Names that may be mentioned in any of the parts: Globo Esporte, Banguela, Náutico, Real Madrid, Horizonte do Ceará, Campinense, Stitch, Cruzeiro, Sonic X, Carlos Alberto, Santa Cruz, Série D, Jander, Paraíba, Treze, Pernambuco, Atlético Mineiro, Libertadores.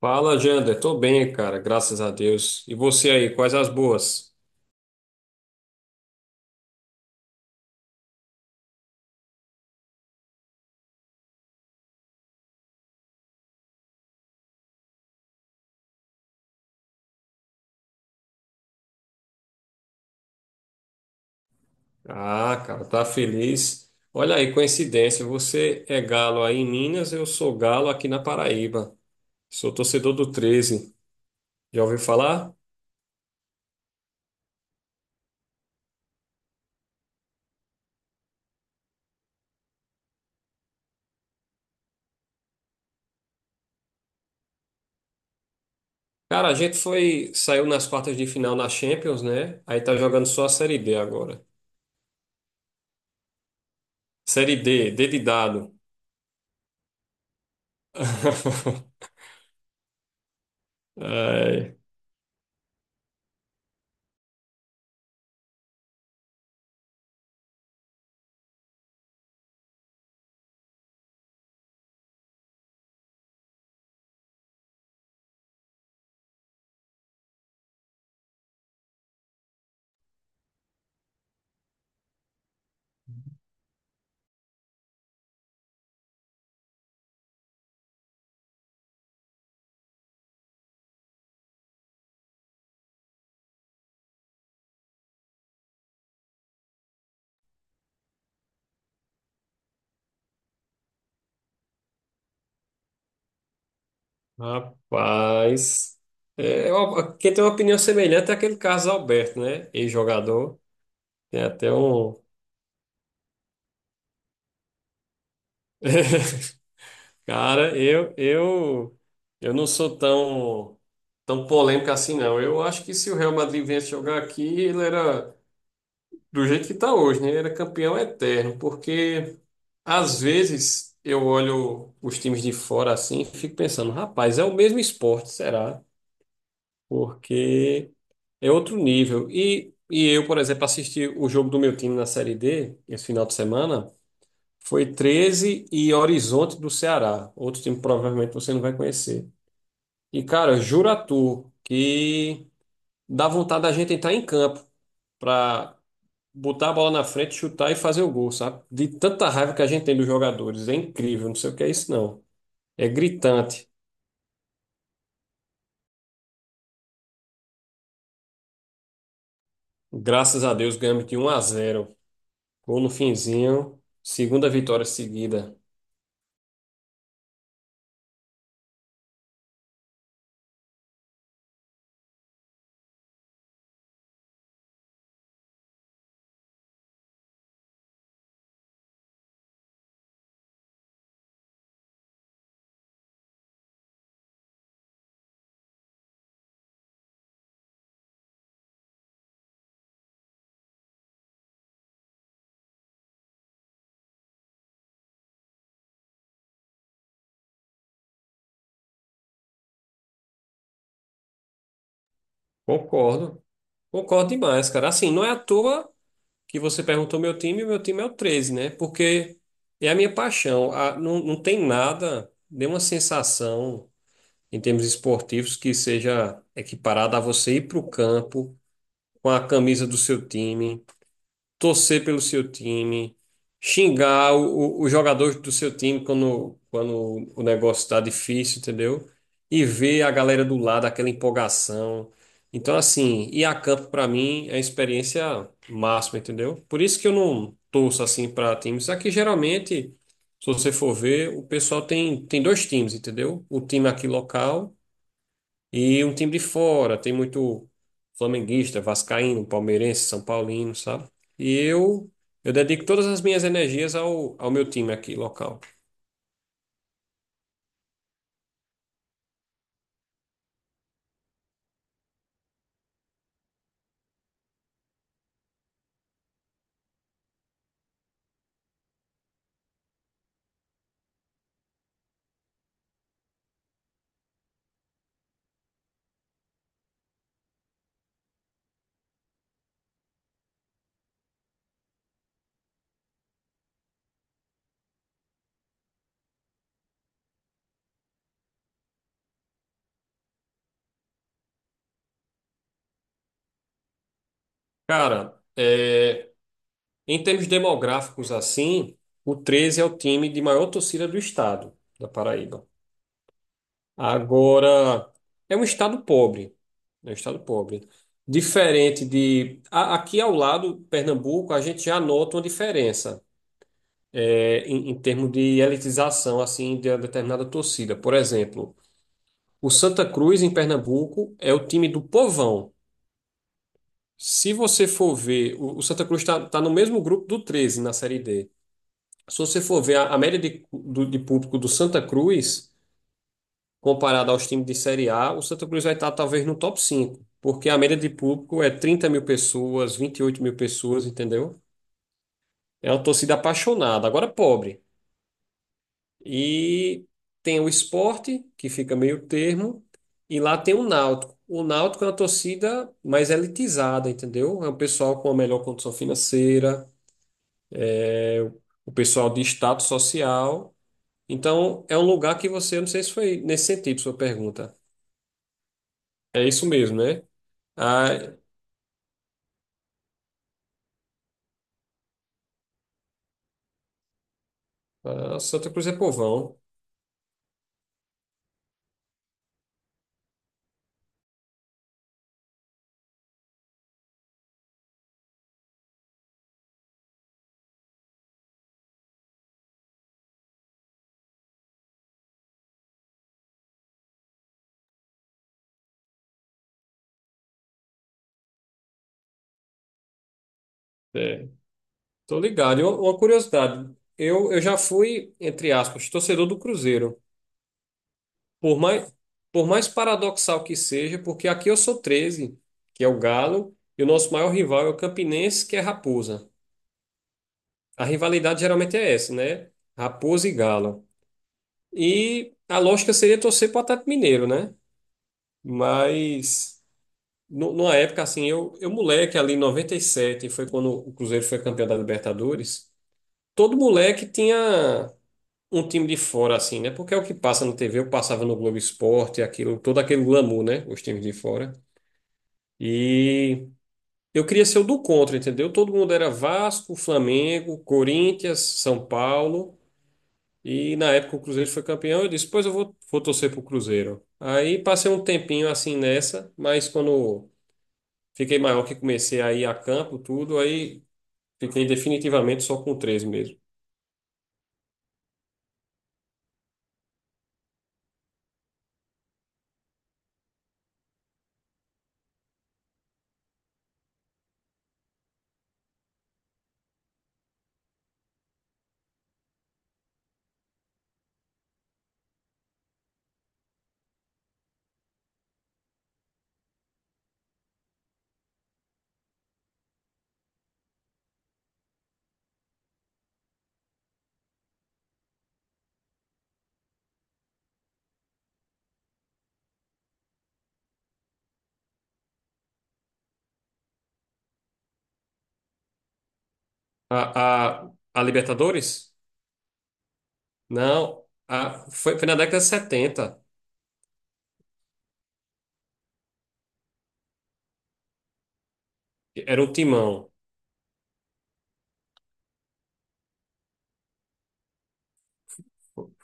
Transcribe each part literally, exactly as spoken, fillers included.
Fala, Jander. Tô bem, cara, graças a Deus. E você aí, quais as boas? Ah, cara, tá feliz. Olha aí, coincidência, você é galo aí em Minas, eu sou galo aqui na Paraíba. Sou torcedor do Treze. Já ouviu falar? Cara, a gente foi, saiu nas quartas de final na Champions, né? Aí tá jogando só a Série D agora. Série D, D de dado. Ai, rapaz. É, eu- quem tem uma opinião semelhante é aquele Carlos Alberto, né? Ex-jogador. Tem até um. Cara, eu, eu, eu não sou tão, tão polêmico assim, não. Eu acho que se o Real Madrid viesse jogar aqui, ele era do jeito que está hoje, né? Ele era campeão eterno, porque às vezes eu olho os times de fora assim e fico pensando, rapaz, é o mesmo esporte, será? Porque é outro nível. E, e eu, por exemplo, assisti o jogo do meu time na Série D esse final de semana. Foi treze e Horizonte do Ceará. Outro time que provavelmente você não vai conhecer. E, cara, juro tu que dá vontade da gente entrar em campo pra botar a bola na frente, chutar e fazer o gol, sabe? De tanta raiva que a gente tem dos jogadores. É incrível, não sei o que é isso, não. É gritante. Graças a Deus ganhamos de um a zero. Gol no finzinho. Segunda vitória seguida. Concordo. Concordo demais, cara. Assim, não é à toa que você perguntou meu time, e o meu time é o treze, né? Porque é a minha paixão. A- não, não tem nada, nenhuma sensação em termos esportivos que seja equiparada a você ir para o campo com a camisa do seu time, torcer pelo seu time, xingar o- o- os jogadores do seu time quando, quando o negócio está difícil, entendeu? E ver a galera do lado, aquela empolgação. Então, assim, ir a campo para mim é a experiência máxima, entendeu? Por isso que eu não torço assim para times. Aqui geralmente, se você for ver, o pessoal tem, tem dois times, entendeu? O time aqui local. E um time de fora, tem muito flamenguista, vascaíno, palmeirense, são paulino, sabe? E eu eu dedico todas as minhas energias ao, ao meu time aqui, local. Cara, é, em termos demográficos assim, o treze é o time de maior torcida do estado, da Paraíba. Agora, é um estado pobre, é um estado pobre. Diferente de... a- Aqui ao lado, Pernambuco, a gente já nota uma diferença. É, em, em termos de elitização assim de uma determinada torcida. Por exemplo, o Santa Cruz em Pernambuco é o time do povão. Se você for ver, o, o Santa Cruz está no mesmo grupo do Treze na Série D. Se você for ver a, a média de, do- de público do Santa Cruz comparada aos times de Série A, o Santa Cruz vai estar talvez no top cinco, porque a média de público é trinta mil pessoas, vinte e oito mil pessoas, entendeu? É uma torcida apaixonada, agora pobre. E tem o esporte, que fica meio termo, e lá tem o Náutico. O Náutico é uma torcida mais elitizada, entendeu? É um pessoal com a melhor condição financeira, é o o pessoal de status social. Então, é um lugar que você, eu não sei se foi nesse sentido sua pergunta. É isso mesmo, né? A, a Santa Cruz é povão. É, tô ligado. E uma uma curiosidade, eu, eu já fui, entre aspas, torcedor do Cruzeiro. Por mais, por mais paradoxal que seja, porque aqui eu sou treze, que é o Galo, e o nosso maior rival é o Campinense, que é Raposa. A rivalidade geralmente é essa, né? Raposa e Galo. E a lógica seria torcer para o Atlético Mineiro, né? Mas nu- numa época assim, eu, eu moleque ali em noventa e sete, foi quando o Cruzeiro foi campeão da Libertadores, todo moleque tinha um time de fora assim, né? Porque é o que passa na T V, eu passava no Globo Esporte, aquilo, todo aquele glamour, né? Os times de fora. E eu queria ser o do contra, entendeu? Todo mundo era Vasco, Flamengo, Corinthians, São Paulo. E na época o Cruzeiro foi campeão. Eu disse, pois eu vou, vou torcer pro Cruzeiro. Aí passei um tempinho assim nessa, mas quando fiquei maior, que comecei a ir a campo, tudo, aí fiquei definitivamente só com três mesmo. A, a, a Libertadores? Não. A, foi, foi na década de setenta. Era um Timão.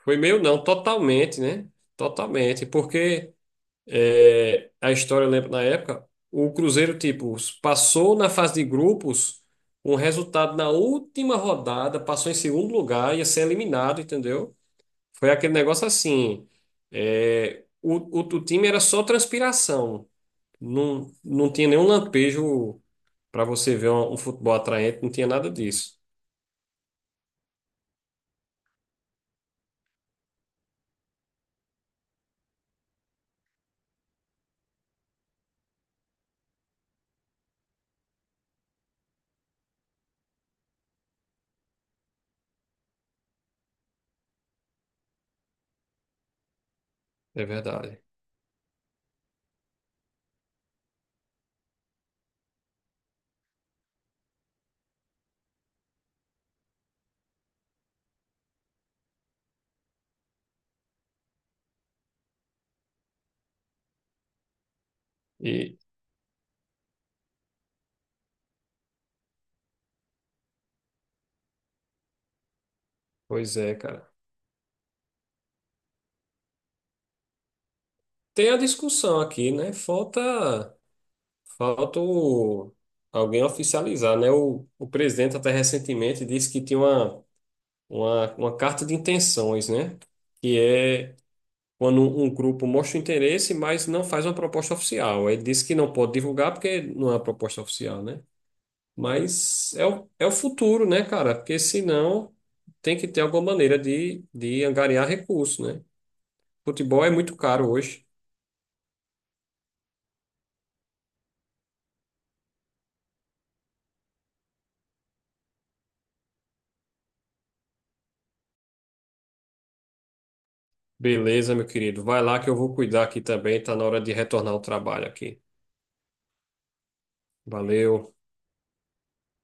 Foi meu, não, totalmente, né? Totalmente. Porque. É, a história, eu lembro na época, o Cruzeiro, tipo, passou na fase de grupos com resultado na última rodada, passou em segundo lugar, ia ser eliminado, entendeu? Foi aquele negócio assim. É, o, o, o time era só transpiração. Não, não tinha nenhum lampejo para você ver um, um futebol atraente, não tinha nada disso. É verdade. E, pois é, cara. Tem a discussão aqui, né? Falta. Falta o- alguém oficializar, né? O, o presidente até recentemente disse que tinha uma, uma, uma carta de intenções, né? Que é quando um grupo mostra interesse, mas não faz uma proposta oficial. Ele disse que não pode divulgar porque não é uma proposta oficial, né? Mas é o, é o futuro, né, cara? Porque senão tem que ter alguma maneira de, de angariar recursos, né? Futebol é muito caro hoje. Beleza, meu querido. Vai lá que eu vou cuidar aqui também. Tá na hora de retornar ao trabalho aqui. Valeu.